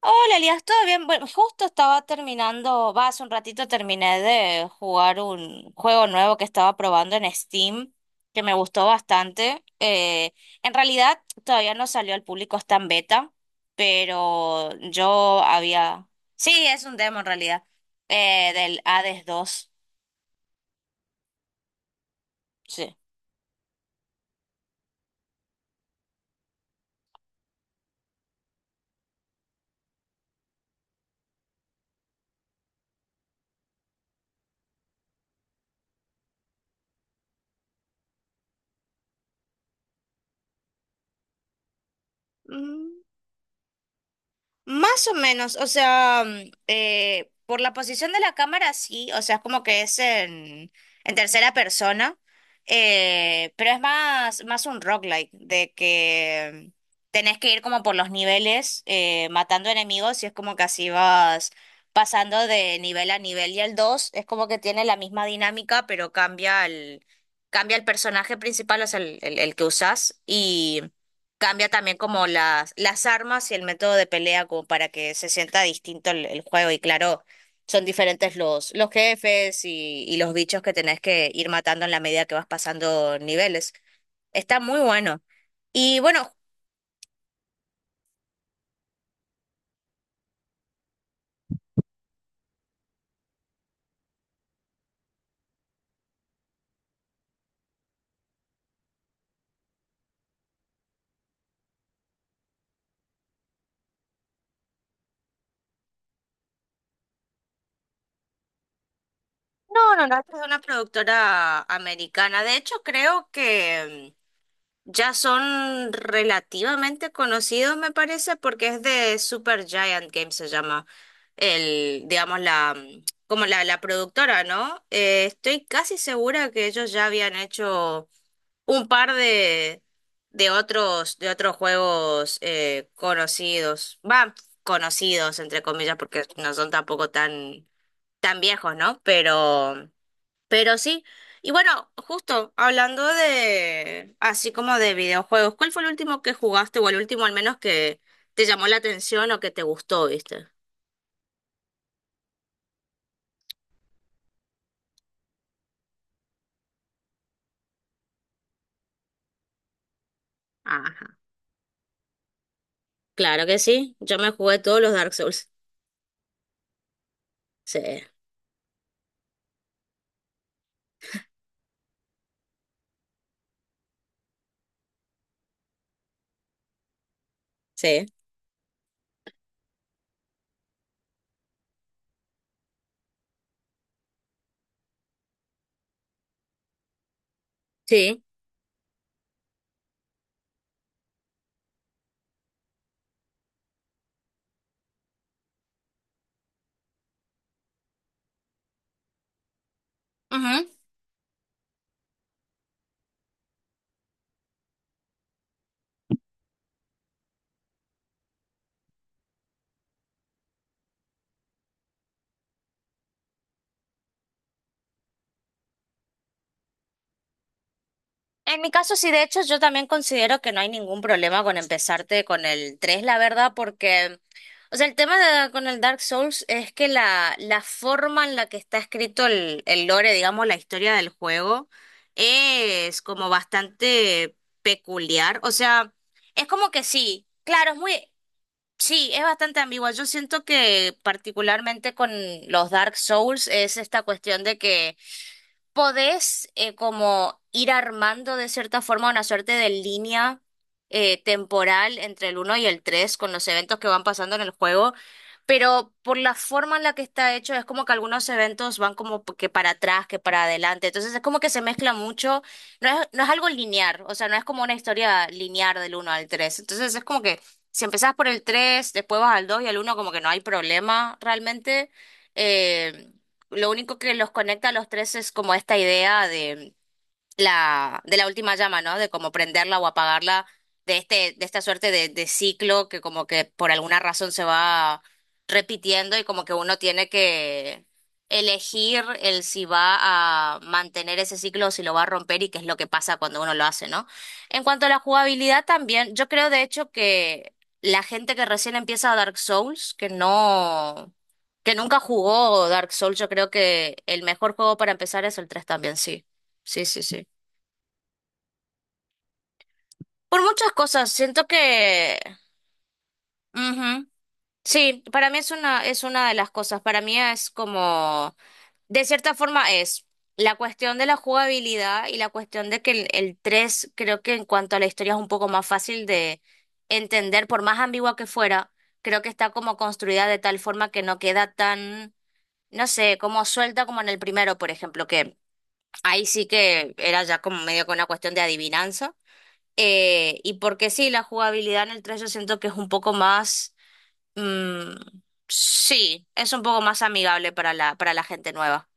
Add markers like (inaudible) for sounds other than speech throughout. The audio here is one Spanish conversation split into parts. Hola, Elías, ¿todo bien? Bueno, justo estaba terminando, va, hace un ratito terminé de jugar un juego nuevo que estaba probando en Steam, que me gustó bastante. En realidad todavía no salió al público, está en beta, pero yo había... Sí, es un demo en realidad, del Hades dos. Sí. Más o menos, o sea, por la posición de la cámara sí, o sea, es como que es en tercera persona, pero es más un roguelike, de que tenés que ir como por los niveles, matando enemigos y es como que así vas pasando de nivel a nivel y el 2 es como que tiene la misma dinámica, pero cambia el personaje principal, o sea, el que usás cambia también como las armas y el método de pelea como para que se sienta distinto el juego y claro, son diferentes los jefes y los bichos que tenés que ir matando en la medida que vas pasando niveles. Está muy bueno. Y bueno, no, no, no, es una productora americana. De hecho, creo que ya son relativamente conocidos, me parece, porque es de Super Giant Games, se llama digamos, la, como la productora, ¿no? Estoy casi segura que ellos ya habían hecho un par de otros juegos conocidos. Va, conocidos, entre comillas, porque no son tampoco tan, tan viejos, ¿no? Pero. Pero sí, y bueno, justo hablando de, así como de videojuegos, ¿cuál fue el último que jugaste o el último al menos que te llamó la atención o que te gustó, viste? Ajá, claro que sí, yo me jugué todos los Dark Souls. Sí, sí, sí. Ujú. En mi caso, sí, de hecho, yo también considero que no hay ningún problema con empezarte con el 3, la verdad, porque, o sea, el tema con el Dark Souls es que la forma en la que está escrito el lore, digamos, la historia del juego, es como bastante peculiar. O sea, es como que sí, claro, sí, es bastante ambigua. Yo siento que particularmente con los Dark Souls es esta cuestión de que podés como ir armando de cierta forma una suerte de línea temporal entre el uno y el 3 con los eventos que van pasando en el juego, pero por la forma en la que está hecho es como que algunos eventos van como que para atrás, que para adelante, entonces es como que se mezcla mucho, no es algo lineal, o sea, no es como una historia lineal del uno al 3 entonces es como que si empezás por el 3 después vas al 2 y al uno como que no hay problema realmente. eh, lo único que los conecta a los tres es como esta idea de la última llama, ¿no? De cómo prenderla o apagarla, de esta suerte de ciclo que como que por alguna razón se va repitiendo y como que uno tiene que elegir el si va a mantener ese ciclo o si lo va a romper y qué es lo que pasa cuando uno lo hace, ¿no? En cuanto a la jugabilidad también, yo creo de hecho que la gente que recién empieza a Dark Souls, que nunca jugó Dark Souls, yo creo que el mejor juego para empezar es el 3 también, sí. Sí, sí, sí. Por muchas cosas, siento que... ujú. Sí, para mí es una de las cosas. Para mí es como, de cierta forma es la cuestión de la jugabilidad y la cuestión de que el 3 creo que en cuanto a la historia es un poco más fácil de entender, por más ambigua que fuera, creo que está como construida de tal forma que no queda tan, no sé, como suelta como en el primero, por ejemplo, que ahí sí que era ya como medio con una cuestión de adivinanza. Y porque sí, la jugabilidad en el 3 yo siento que es un poco más... mm, sí, es un poco más amigable para la gente nueva.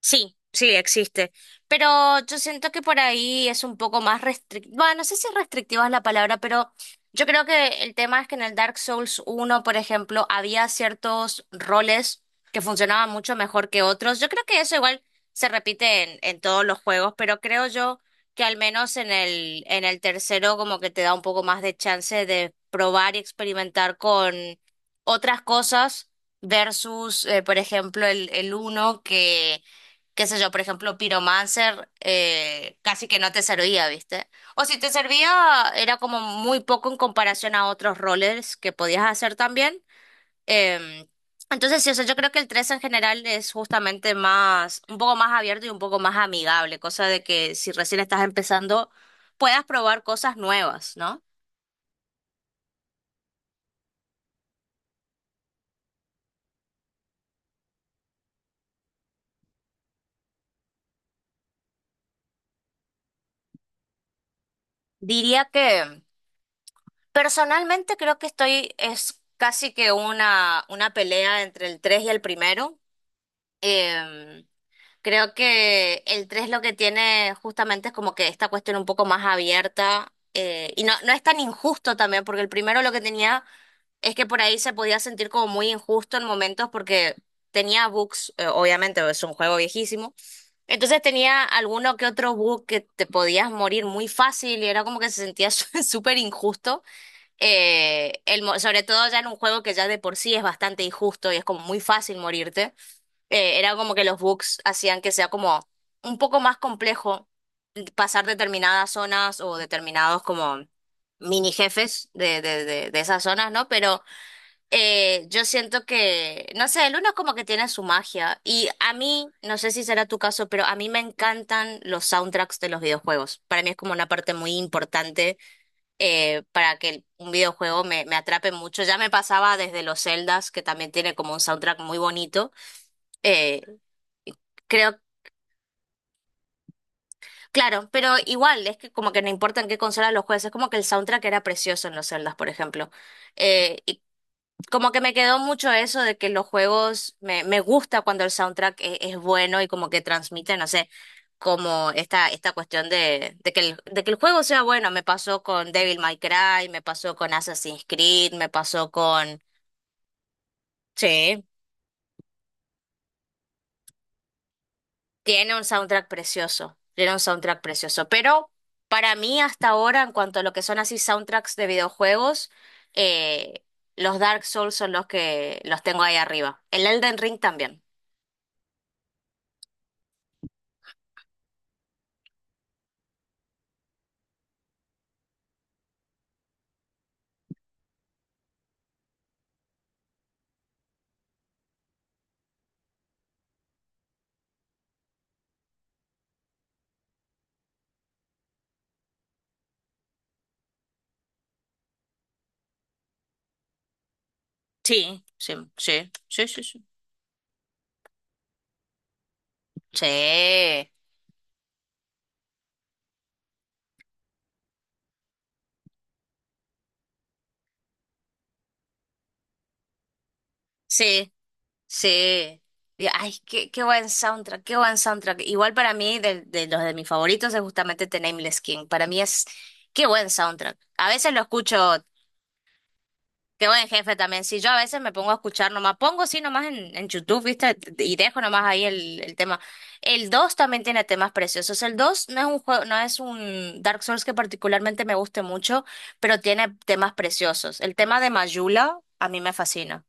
Sí, sí, existe. Pero yo siento que por ahí es un poco más restrictiva. Bueno, no sé si restrictiva es la palabra, pero yo creo que el tema es que en el Dark Souls uno, por ejemplo, había ciertos roles que funcionaban mucho mejor que otros. Yo creo que eso igual se repite en todos los juegos, pero creo yo que al menos en el tercero como que te da un poco más de chance de probar y experimentar con otras cosas versus, por ejemplo, el uno que qué sé yo, por ejemplo, Pyromancer casi que no te servía, ¿viste? O si te servía, era como muy poco en comparación a otros roles que podías hacer también. Em, entonces, sí, o sea, yo creo que el 3 en general es justamente más, un poco más abierto y un poco más amigable, cosa de que si recién estás empezando, puedas probar cosas nuevas, ¿no? Diría que personalmente creo que estoy, es casi que una pelea entre el 3 y el primero. Em, Creo que el 3 lo que tiene justamente es como que esta cuestión un poco más abierta y no es tan injusto también, porque el primero lo que tenía es que por ahí se podía sentir como muy injusto en momentos porque tenía bugs, obviamente es un juego viejísimo, entonces tenía alguno que otro bug que te podías morir muy fácil y era como que se sentía (laughs) súper injusto, sobre todo ya en un juego que ya de por sí es bastante injusto y es como muy fácil morirte era como que los bugs hacían que sea como un poco más complejo pasar determinadas zonas o determinados como mini jefes de esas zonas, ¿no? Pero yo siento que, no sé, el uno como que tiene su magia y a mí, no sé si será tu caso, pero a mí me encantan los soundtracks de los videojuegos. Para mí es como una parte muy importante para que un videojuego me atrape mucho. Ya me pasaba desde los Zeldas, que también tiene como un soundtrack muy bonito. Eh, creo Claro, pero igual, es que como que no importa en qué consola los jueces, es como que el soundtrack era precioso en los Zeldas, por ejemplo. Y como que me quedó mucho eso de que los juegos, me gusta cuando el soundtrack es, bueno y como que transmite, no sé, como esta cuestión de que el juego sea bueno. Me pasó con Devil May Cry, me pasó con Assassin's Creed, me pasó con... Sí. Tiene un soundtrack precioso, tiene un soundtrack precioso, pero para mí hasta ahora, en cuanto a lo que son así soundtracks de videojuegos, eh, los Dark Souls son los que los tengo ahí arriba. El Elden Ring también. Sí, sí, sí, sí, sí, sí. Sí, sí, sí. Ay, qué buen soundtrack, qué buen soundtrack. Igual para mí, de los de mis favoritos es justamente The Nameless King. Para mí es, qué buen soundtrack. A veces lo escucho. Qué buen jefe también. Si yo a veces me pongo a escuchar nomás, pongo así nomás en YouTube, ¿viste? Y dejo nomás ahí el tema. El 2 también tiene temas preciosos. El 2 no es un juego, no es un Dark Souls que particularmente me guste mucho, pero tiene temas preciosos. El tema de Mayula a mí me fascina.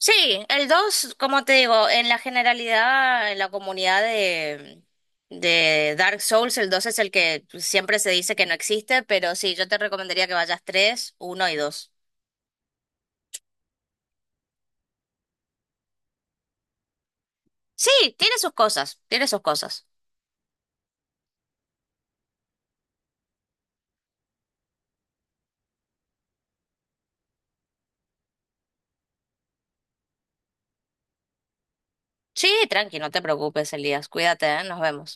Sí, el 2 como te digo, en la generalidad, en la comunidad de Dark Souls, el 2 es el que siempre se dice que no existe, pero sí, yo te recomendaría que vayas tres uno y dos. Sí, tiene sus cosas, tiene sus cosas. Sí, tranqui, no te preocupes, Elías. Cuídate, ¿eh? Nos vemos.